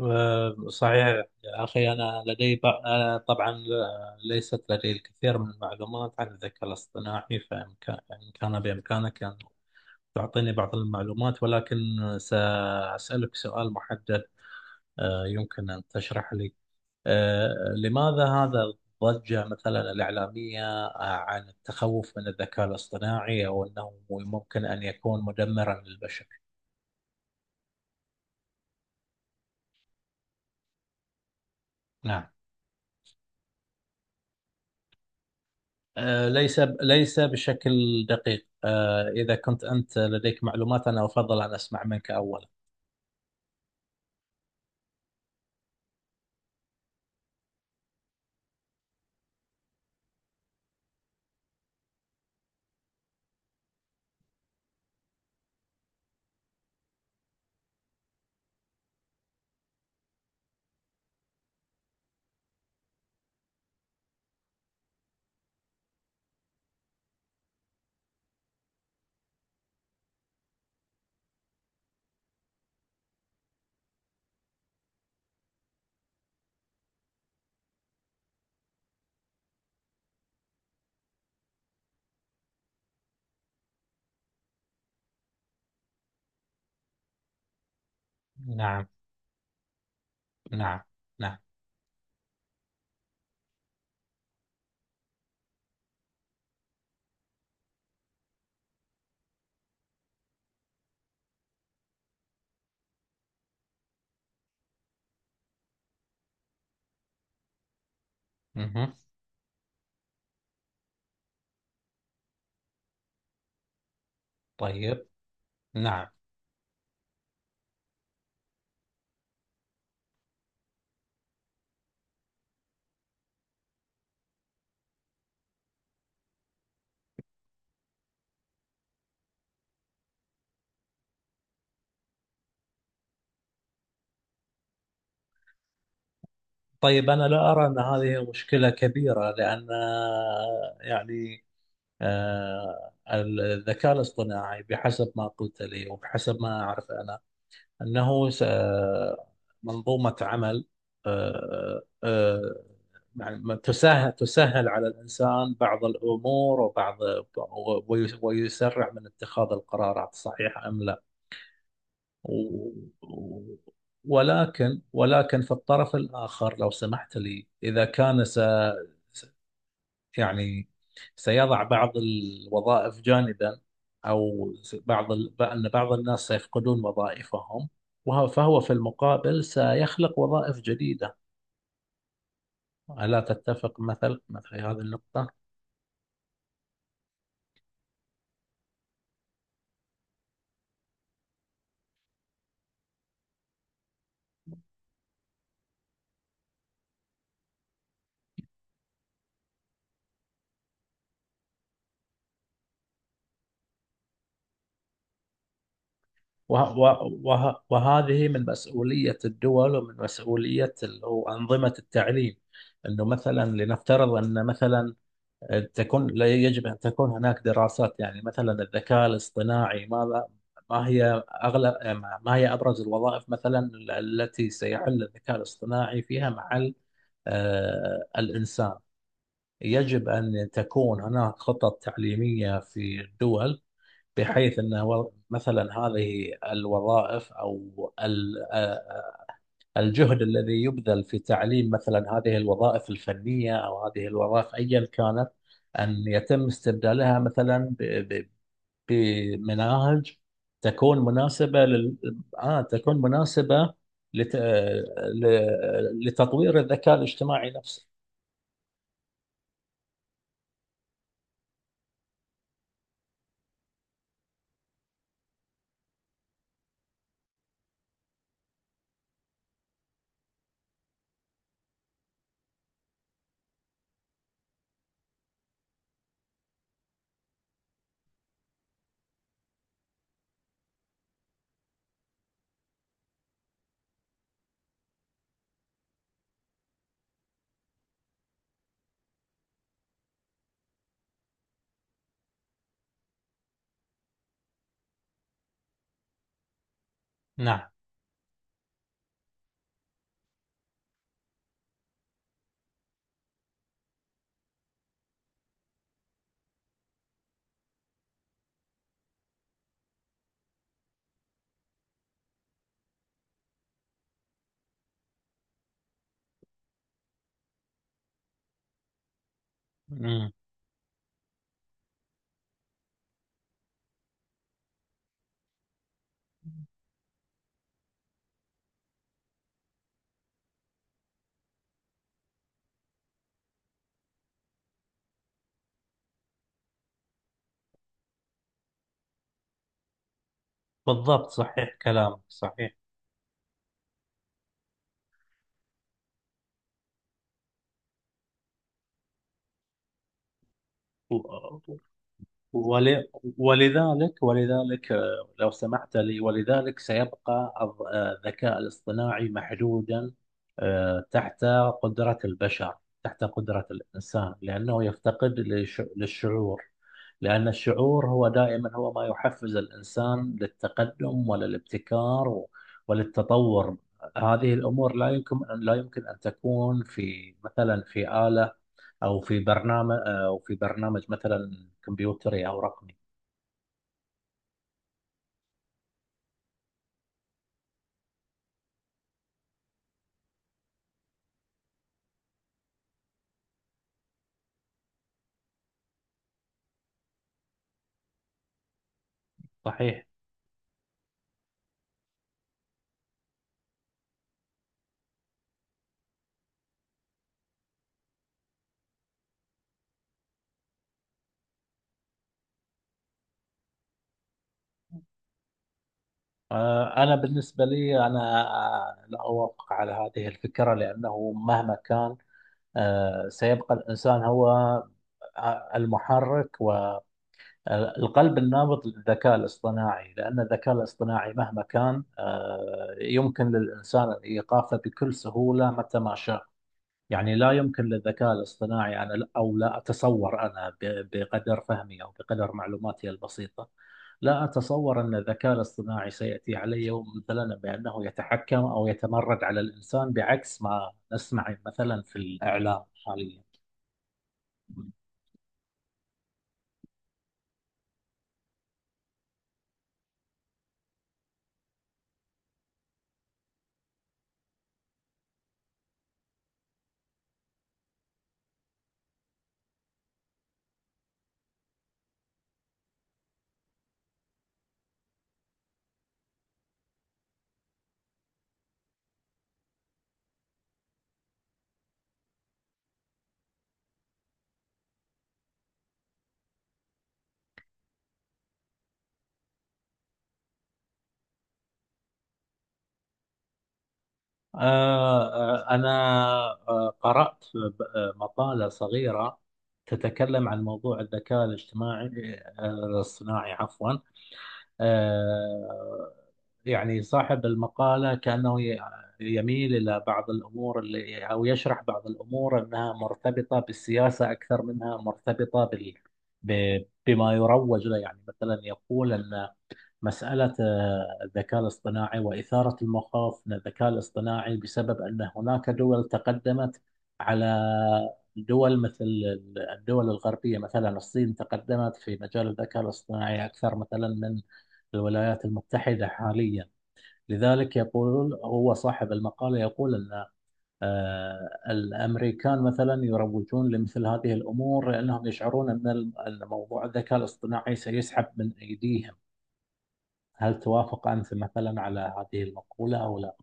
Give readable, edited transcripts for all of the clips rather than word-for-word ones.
صحيح يا أخي، أنا طبعا ليست لدي الكثير من المعلومات عن الذكاء الاصطناعي، فإمكان إن كان بإمكانك أن تعطيني بعض المعلومات، ولكن سأسألك سؤال محدد. يمكن أن تشرح لي لماذا هذا الضجة مثلا الإعلامية عن التخوف من الذكاء الاصطناعي، أو أنه ممكن أن يكون مدمرا للبشر؟ نعم. ليس بشكل دقيق. إذا كنت أنت لديك معلومات، أنا أفضل أن أسمع منك أولا. نعم. نعم. نعم. مه. طيب. نعم. طيب، أنا لا أرى أن هذه مشكلة كبيرة، لأن يعني الذكاء الاصطناعي بحسب ما قلت لي وبحسب ما أعرف أنا أنه منظومة عمل، آه، آه، تسهل على الإنسان بعض الأمور وبعض ويسرع من اتخاذ القرارات، صحيحة أم لا. و- و- ولكن في الطرف الآخر لو سمحت لي، إذا كان يعني سيضع بعض الوظائف جانبا، أو بعض أن بعض الناس سيفقدون وظائفهم، وهو فهو في المقابل سيخلق وظائف جديدة. ألا تتفق مثل هذه النقطة؟ وهذه من مسؤولية الدول، ومن مسؤولية أو أنظمة التعليم. أنه مثلا لنفترض أن مثلا تكون، لا يجب أن تكون هناك دراسات، يعني مثلا الذكاء الاصطناعي ماذا، ما هي أغلب، ما هي أبرز الوظائف مثلا التي سيحل الذكاء الاصطناعي فيها مع الإنسان. يجب أن تكون هناك خطط تعليمية في الدول، بحيث أن مثلا هذه الوظائف، أو الجهد الذي يبذل في تعليم مثلا هذه الوظائف الفنية أو هذه الوظائف أيا كانت، أن يتم استبدالها مثلا ب- بمناهج تكون مناسبة تكون مناسبة لت... ل... لتطوير الذكاء الاجتماعي نفسه. نعم. مم. بالضبط، صحيح كلامك صحيح. ول... ولذلك لو سمحت لي، ولذلك سيبقى الذكاء الاصطناعي محدودا، تحت قدرة البشر، تحت قدرة الإنسان، لأنه يفتقد للشعور. لأن الشعور هو دائما هو ما يحفز الإنسان للتقدم وللابتكار وللتطور. هذه الأمور لا يمكن أن تكون في مثلا في آلة، او في برنامج او في برنامج مثلا كمبيوتري او رقمي. صحيح. انا بالنسبه لي انا لا اوافق على هذه الفكره، لانه مهما كان سيبقى الانسان هو المحرك والقلب النابض للذكاء الاصطناعي. لان الذكاء الاصطناعي مهما كان يمكن للانسان ايقافه بكل سهوله متى ما شاء. يعني لا يمكن للذكاء الاصطناعي، أنا أو لا أتصور أنا بقدر فهمي أو بقدر معلوماتي البسيطة لا أتصور أن الذكاء الاصطناعي سيأتي على يوم مثلا بأنه يتحكم أو يتمرد على الإنسان، بعكس ما نسمع مثلا في الإعلام حاليا. أنا قرأت مقالة صغيرة تتكلم عن موضوع الذكاء الاجتماعي، الاصطناعي عفوا. آه، يعني صاحب المقالة كأنه يميل إلى بعض الأمور اللي أو يشرح بعض الأمور أنها مرتبطة بالسياسة أكثر منها مرتبطة بال بما يروج له. يعني مثلا يقول أن مسألة الذكاء الاصطناعي وإثارة المخاوف من الذكاء الاصطناعي بسبب أن هناك دول تقدمت على دول، مثل الدول الغربية، مثلا الصين تقدمت في مجال الذكاء الاصطناعي أكثر مثلا من الولايات المتحدة حاليا. لذلك يقول هو صاحب المقالة، يقول أن الأمريكان مثلا يروجون لمثل هذه الأمور، لأنهم يشعرون أن أن موضوع الذكاء الاصطناعي سيسحب من أيديهم. هل توافق أنت مثلا على هذه المقولة أو لا؟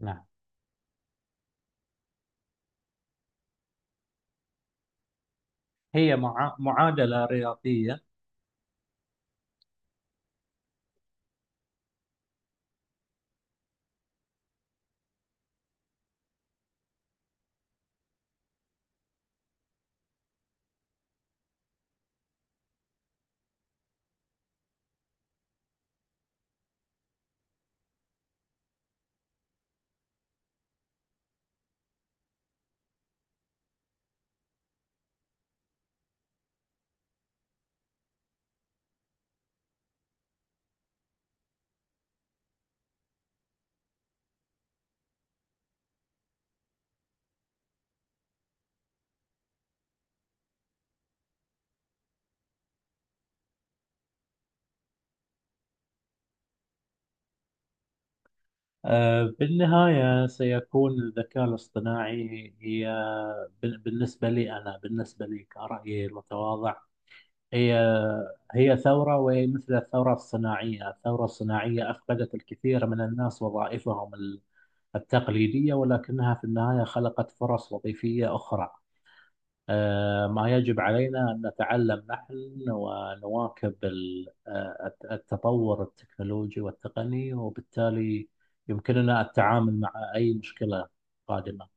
نعم. هي معادلة رياضية. بالنهاية سيكون الذكاء الاصطناعي هي، بالنسبة لي أنا، بالنسبة لي كرأيي المتواضع، هي هي ثورة، وهي مثل الثورة الصناعية. الثورة الصناعية أفقدت الكثير من الناس وظائفهم التقليدية، ولكنها في النهاية خلقت فرص وظيفية أخرى. ما يجب علينا أن نتعلم نحن ونواكب التطور التكنولوجي والتقني، وبالتالي يمكننا التعامل مع أي مشكلة قادمة.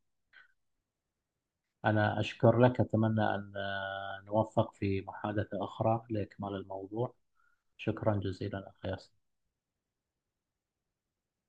أنا أشكر لك، أتمنى أن نوفق في محادثة أخرى لإكمال الموضوع. شكرا جزيلا أخي.